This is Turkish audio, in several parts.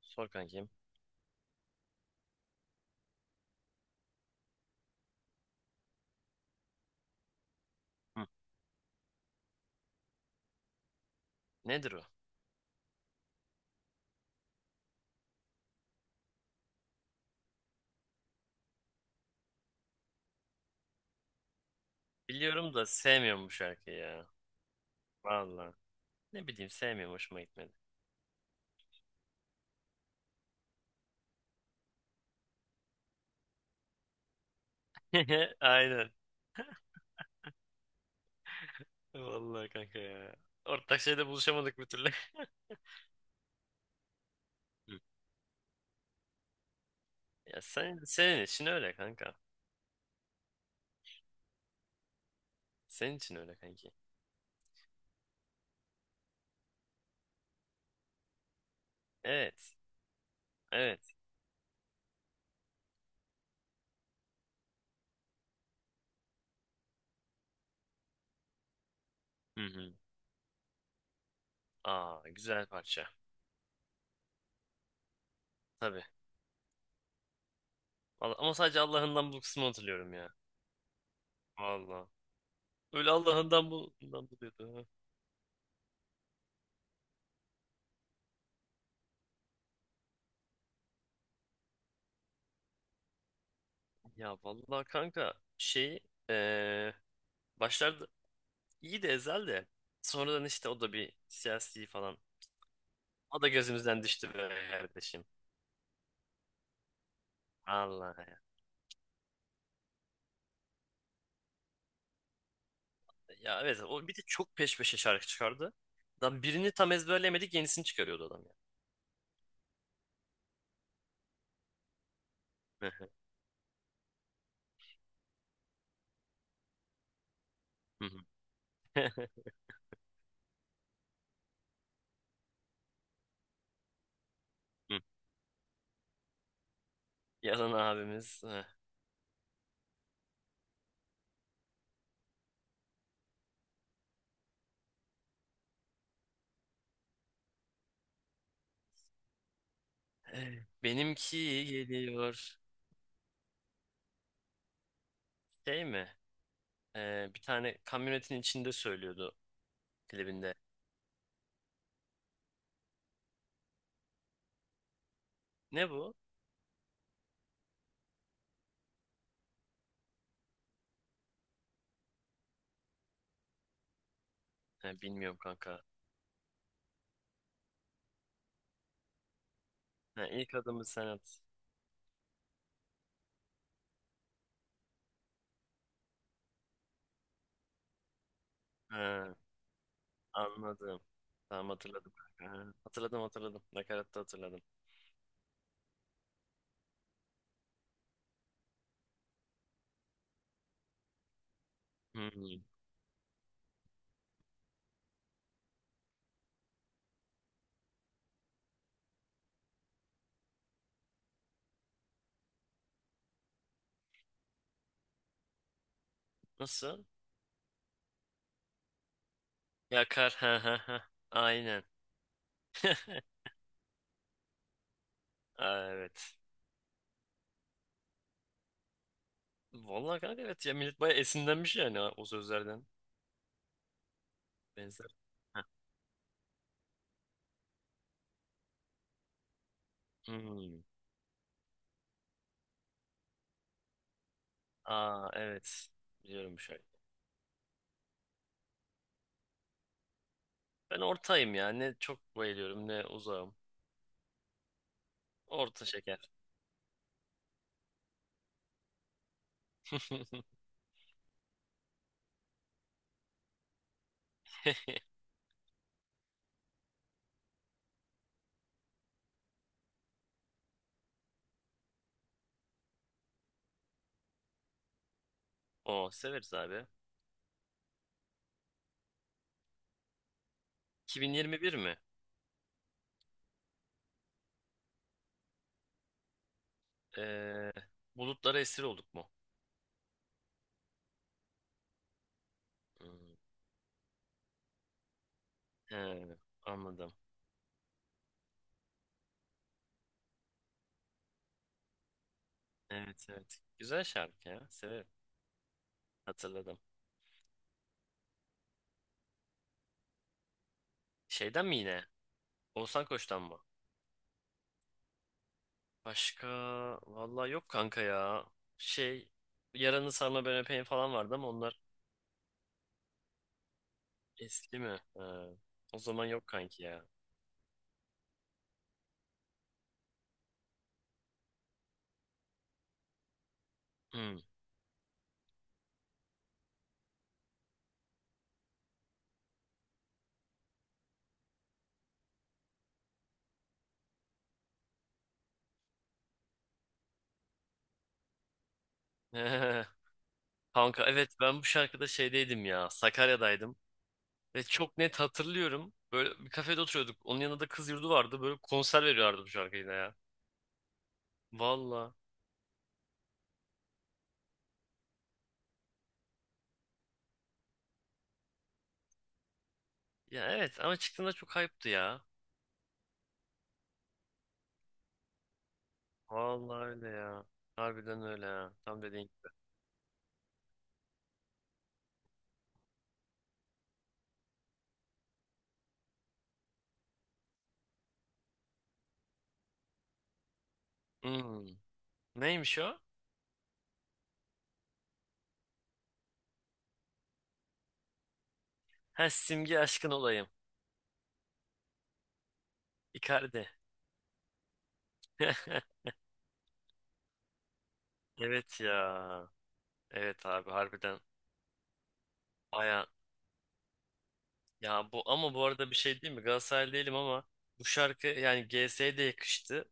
Sor kankim. Hı. Nedir o? Biliyorum da sevmiyorum bu şarkıyı ya. Vallahi. Ne bileyim sevmiyorum hoşuma gitmedi. Aynen. Vallahi kanka ya. Ortak şeyde buluşamadık bir türlü. Hı. Ya senin için öyle kanka. Senin için öyle kanki. Evet. Evet. Hı hı. Aa güzel parça. Tabii. Ama sadece Allah'ından bul kısmını hatırlıyorum ya. Vallahi. Öyle Allah'ından bul, bundan buluyordu. Ha. Ya vallahi kanka şey eee, başlarda İyi de Ezel de. Sonradan işte o da bir siyasi falan. O da gözümüzden düştü be kardeşim. Allah ya. Ya evet o bir de çok peş peşe şarkı çıkardı. Lan birini tam ezberleyemedik yenisini çıkarıyordu adam ya. Yalan abimiz. Heh. Benimki geliyor. Şey mi? Bir tane kamyonetin içinde söylüyordu klibinde. Ne bu? Ha, bilmiyorum kanka. Ha, ilk adımı sen at. Ha. Anladım. Tamam hatırladım kanka. Ha, hatırladım hatırladım. Nakaratta hatırladım. Hmm. Nasıl? Yakar. Ha ha ha. Aynen. Aa, evet. Vallahi kanka evet ya millet bayağı esinlenmiş yani, ha, o sözlerden. Benzer. Heh. Hmm. Aa evet. Biliyorum bu şarkıyı. Ben ortayım ya. Ne çok bayılıyorum ne uzağım. Orta şeker. O severiz abi. 2021 mi? Ee, bulutlara esir olduk mu? Hmm. He, anladım. Evet evet. Güzel şarkı ya. Severim. Hatırladım. Şeyden mi yine? Oğuzhan Koç'tan mı? Başka vallahi yok kanka ya. Şey, Yaranı Sarma Ben Öpeyim falan vardı ama onlar eski mi? Ha, o zaman yok kanki ya. Hmm. Kanka evet ben bu şarkıda şeydeydim ya. Sakarya'daydım. Ve çok net hatırlıyorum. Böyle bir kafede oturuyorduk. Onun yanında da kız yurdu vardı. Böyle konser veriyorlardı bu şarkıyla ya. Valla. Ya evet ama çıktığında çok hype'tı ya. Vallahi öyle ya. Harbiden öyle ya. Tam dediğin. Hmm. Neymiş o? Ha, simge aşkın olayım. Icardi. Evet ya. Evet abi harbiden. Baya. Ya bu ama bu arada bir şey değil mi? Galatasaray değilim ama bu şarkı yani GS'ye de yakıştı.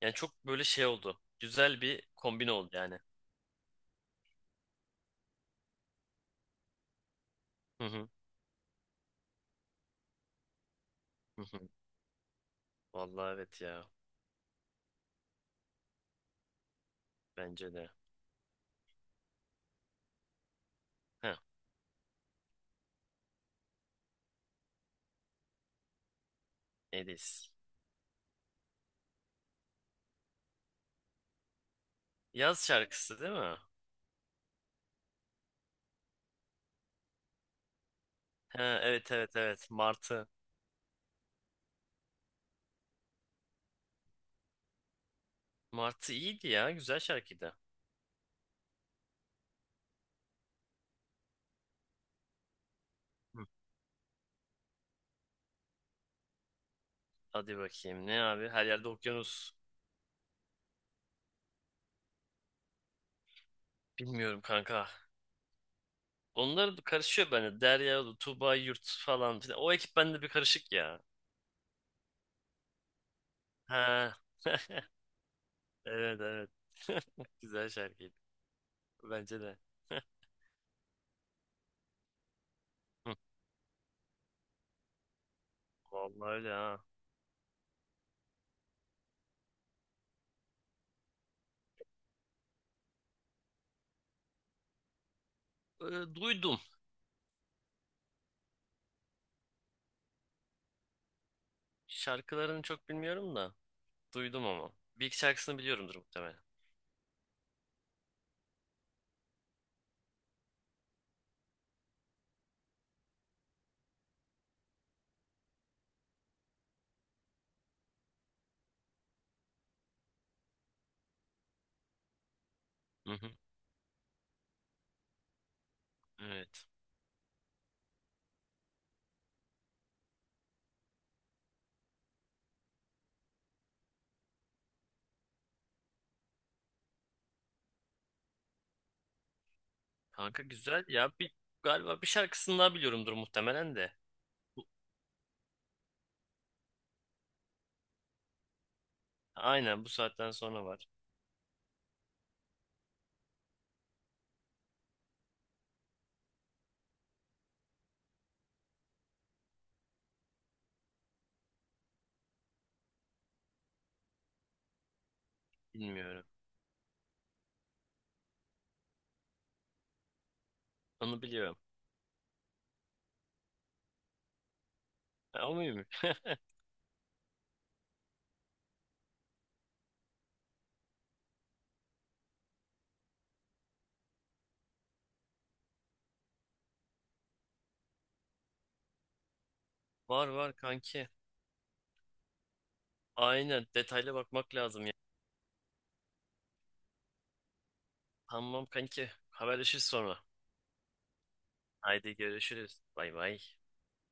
Yani çok böyle şey oldu. Güzel bir kombin oldu yani. Hı hı. Hı hı. Vallahi evet ya. Bence de. Ha, Edis. Yaz şarkısı değil mi? Ha, evet evet evet. Martı. Martı iyiydi ya. Güzel şarkıydı. Hı. Hadi bakayım. Ne abi? Her yerde okyanus. Bilmiyorum kanka. Onlar da karışıyor bende. Derya, Tuba, Yurt falan filan. O ekip bende bir karışık ya. Ha. Evet evet. Güzel şarkıydı. Bence de. Hı, vallahi öyle ha. Duydum. Şarkılarını çok bilmiyorum da. Duydum ama. Bir iki şarkısını biliyorumdur muhtemelen. Hı hı. Evet. Kanka güzel ya. Galiba bir şarkısını daha biliyorumdur muhtemelen de. Aynen bu saatten sonra var. Bilmiyorum. Onu biliyorum. Ha, o muymuş? Var var kanki. Aynen detaylı bakmak lazım ya. Tamam kanki. Haberleşiriz sonra. Haydi görüşürüz. Bay bay.